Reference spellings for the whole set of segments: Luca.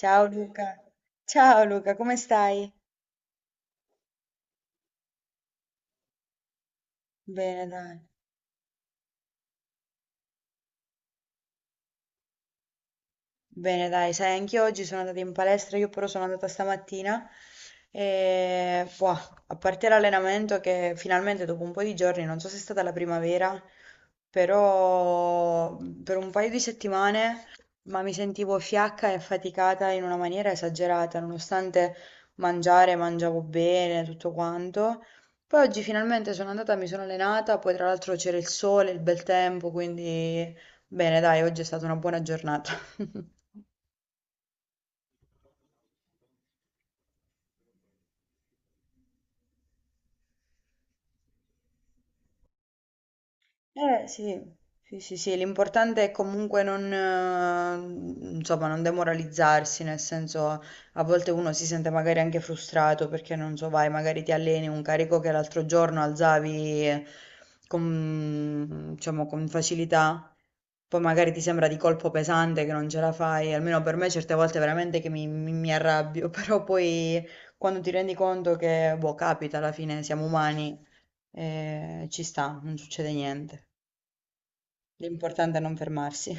Ciao Luca, ciao Luca, come stai? Bene dai, bene dai, sai, anch'io oggi sono andata in palestra, io però sono andata stamattina e boh, a parte l'allenamento che finalmente dopo un po' di giorni, non so se è stata la primavera, però, per un paio di settimane, ma mi sentivo fiacca e affaticata in una maniera esagerata, nonostante mangiare, mangiavo bene, tutto quanto. Poi oggi finalmente sono andata, mi sono allenata, poi tra l'altro c'era il sole, il bel tempo, quindi bene, dai, oggi è stata una buona giornata. Eh sì, sì, sì, sì, l'importante è comunque non, insomma, non demoralizzarsi, nel senso a volte uno si sente magari anche frustrato perché non so, vai, magari ti alleni un carico che l'altro giorno alzavi con, diciamo, con facilità, poi magari ti sembra di colpo pesante che non ce la fai, almeno per me certe volte veramente che mi arrabbio, però poi quando ti rendi conto che, boh, capita, alla fine siamo umani, ci sta, non succede niente. L'importante è non fermarsi.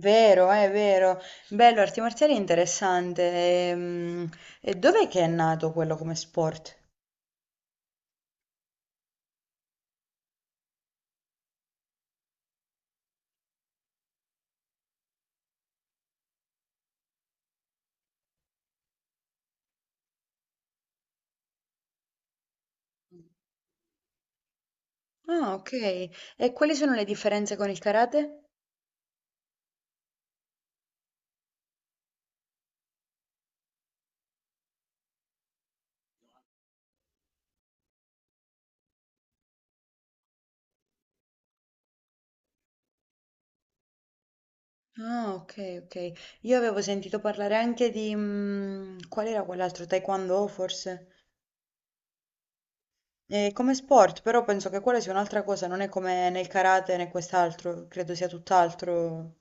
Vero, è vero. Bello, arti marziali è interessante. Ehm, E, dov'è che è nato quello come sport? Ah, ok. E quali sono le differenze con il karate? Ah, ok, ok. Io avevo sentito parlare anche di... qual era quell'altro? Taekwondo, forse? Come sport, però penso che quella sia un'altra cosa, non è come nel karate né quest'altro, credo sia tutt'altro.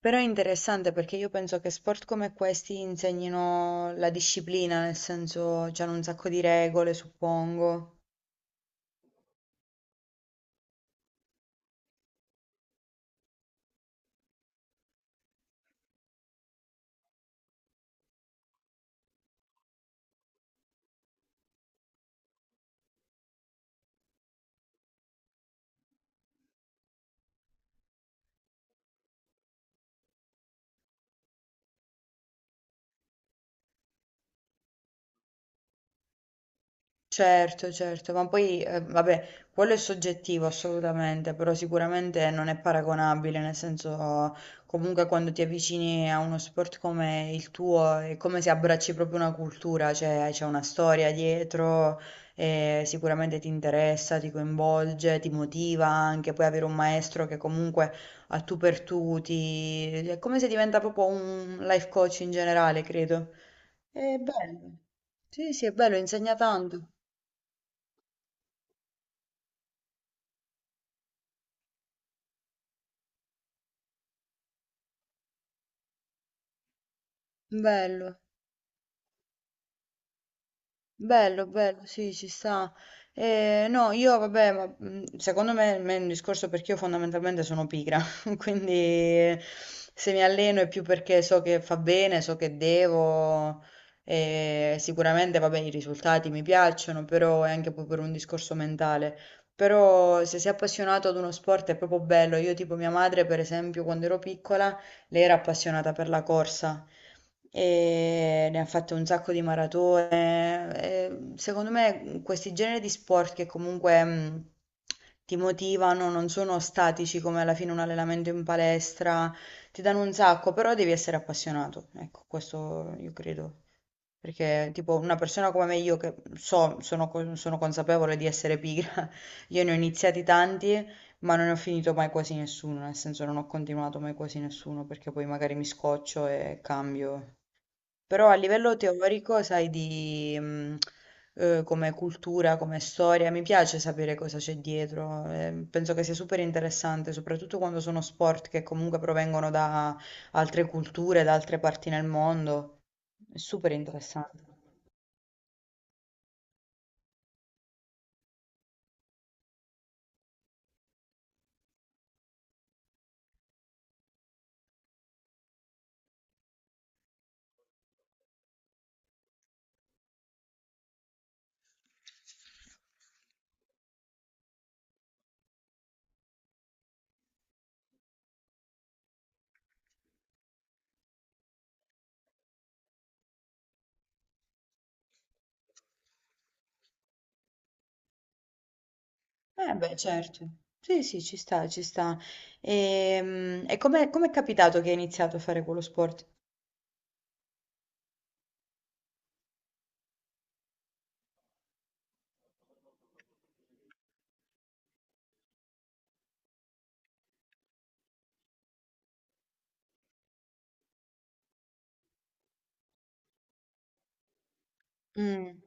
Però è interessante perché io penso che sport come questi insegnino la disciplina, nel senso c'hanno un sacco di regole, suppongo. Certo, certo, ma poi, vabbè, quello è soggettivo assolutamente, però sicuramente non è paragonabile, nel senso, comunque quando ti avvicini a uno sport come il tuo, è come se abbracci proprio una cultura, cioè c'è una storia dietro, e sicuramente ti interessa, ti coinvolge, ti motiva anche, poi avere un maestro che comunque a tu per tu ti... è come se diventa proprio un life coach in generale, credo. È bello. Sì, sì, è bello, insegna tanto. Bello, bello, bello, sì, ci sta. No, io vabbè, ma secondo me, me è un discorso perché io fondamentalmente sono pigra, quindi se mi alleno è più perché so che fa bene, so che devo, e sicuramente vabbè i risultati mi piacciono, però è anche poi per un discorso mentale. Però se sei appassionato ad uno sport è proprio bello. Io tipo mia madre, per esempio, quando ero piccola, lei era appassionata per la corsa e ne ha fatte un sacco di maratone. E secondo me questi generi di sport che comunque, ti motivano, non sono statici come alla fine un allenamento in palestra, ti danno un sacco, però devi essere appassionato. Ecco, questo io credo. Perché tipo una persona come me, io che so, sono, sono consapevole di essere pigra, io ne ho iniziati tanti, ma non ne ho finito mai quasi nessuno, nel senso non ho continuato mai quasi nessuno, perché poi magari mi scoccio e cambio. Però a livello teorico, sai, di, come cultura, come storia, mi piace sapere cosa c'è dietro. Penso che sia super interessante, soprattutto quando sono sport che comunque provengono da altre culture, da altre parti nel mondo. È super interessante. Eh beh, certo. Sì, sì, ci sta, ci sta. E, come è capitato che hai iniziato a fare quello sport? Mm.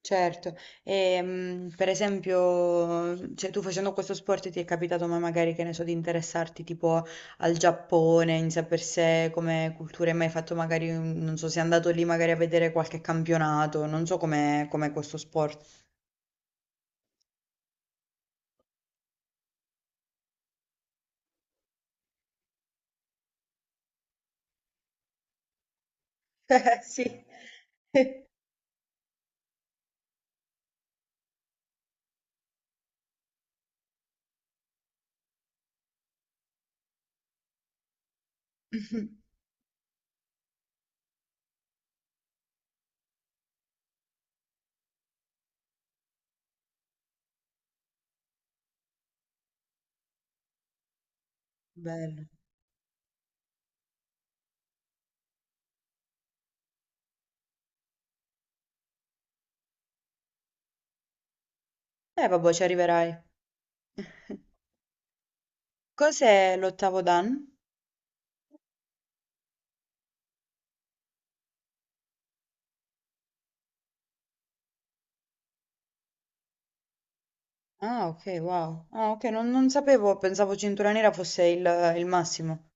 Certo, e, per esempio, cioè, tu facendo questo sport ti è capitato ma magari che ne so di interessarti tipo al Giappone in sé per sé come cultura, hai mai fatto magari, non so, sei andato lì magari a vedere qualche campionato, non so com'è questo sport. Sì. Bello. Eh vabbè, ci arriverai. Cos'è l'ottavo dan? Ah, ok, wow. Ah, ok, non sapevo, pensavo cintura nera fosse il massimo.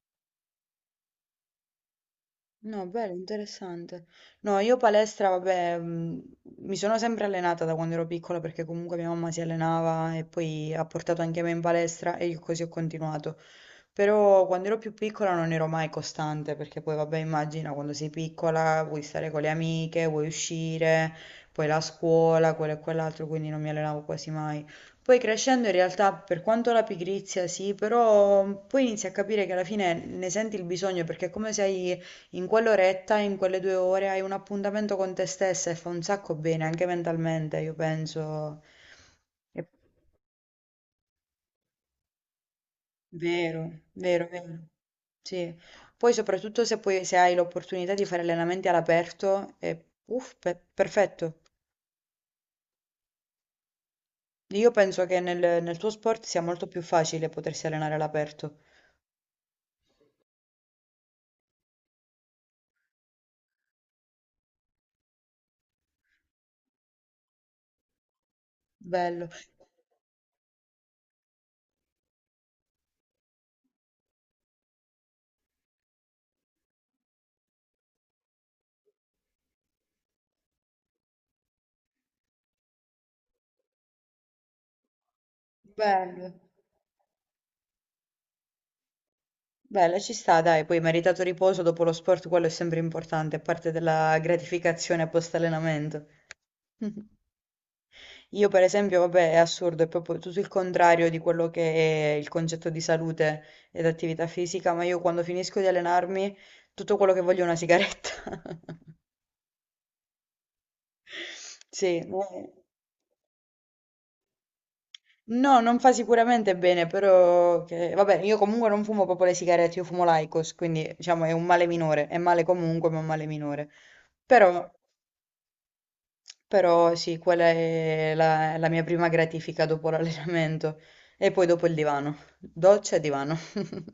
No, bello, interessante. No, io palestra, vabbè, mi sono sempre allenata da quando ero piccola perché comunque mia mamma si allenava e poi ha portato anche me in palestra e io così ho continuato. Però quando ero più piccola non ero mai costante perché poi, vabbè, immagina quando sei piccola vuoi stare con le amiche, vuoi uscire, poi la scuola, quello e quell'altro, quindi non mi allenavo quasi mai. Poi crescendo in realtà, per quanto la pigrizia sì, però poi inizi a capire che alla fine ne senti il bisogno perché è come se hai in quell'oretta, in quelle 2 ore hai un appuntamento con te stessa e fa un sacco bene anche mentalmente, io penso. È vero, vero, vero. Sì. Poi soprattutto se hai l'opportunità di fare allenamenti all'aperto, è uff, perfetto. Io penso che nel tuo sport sia molto più facile potersi allenare all'aperto. Bello, bello, bello, ci sta, dai, poi meritato riposo dopo lo sport, quello è sempre importante, è parte della gratificazione post-allenamento. Io per esempio, vabbè, è assurdo, è proprio tutto il contrario di quello che è il concetto di salute ed attività fisica, ma io quando finisco di allenarmi, tutto quello che voglio è una sigaretta. Sì, no, no, non fa sicuramente bene, però vabbè, io comunque non fumo proprio le sigarette, io fumo l'Aicos, quindi diciamo è un male minore, è male comunque, ma è un male minore. Però, però sì, quella è la mia prima gratifica dopo l'allenamento e poi dopo il divano, doccia e divano.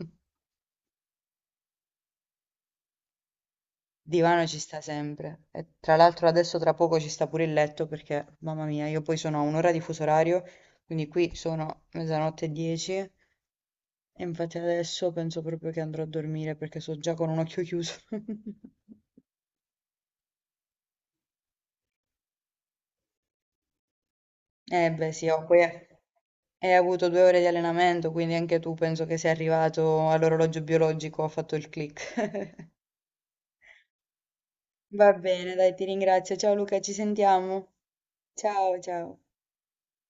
Divano ci sta sempre. E tra l'altro adesso tra poco ci sta pure il letto perché, mamma mia, io poi sono a un'ora di fuso orario, quindi qui sono mezzanotte e dieci e infatti adesso penso proprio che andrò a dormire perché sto già con un occhio chiuso. Eh beh sì, ho poi hai avuto 2 ore di allenamento, quindi anche tu penso che sei arrivato all'orologio biologico, ha fatto il click. Va bene, dai, ti ringrazio. Ciao Luca, ci sentiamo. Ciao, ciao.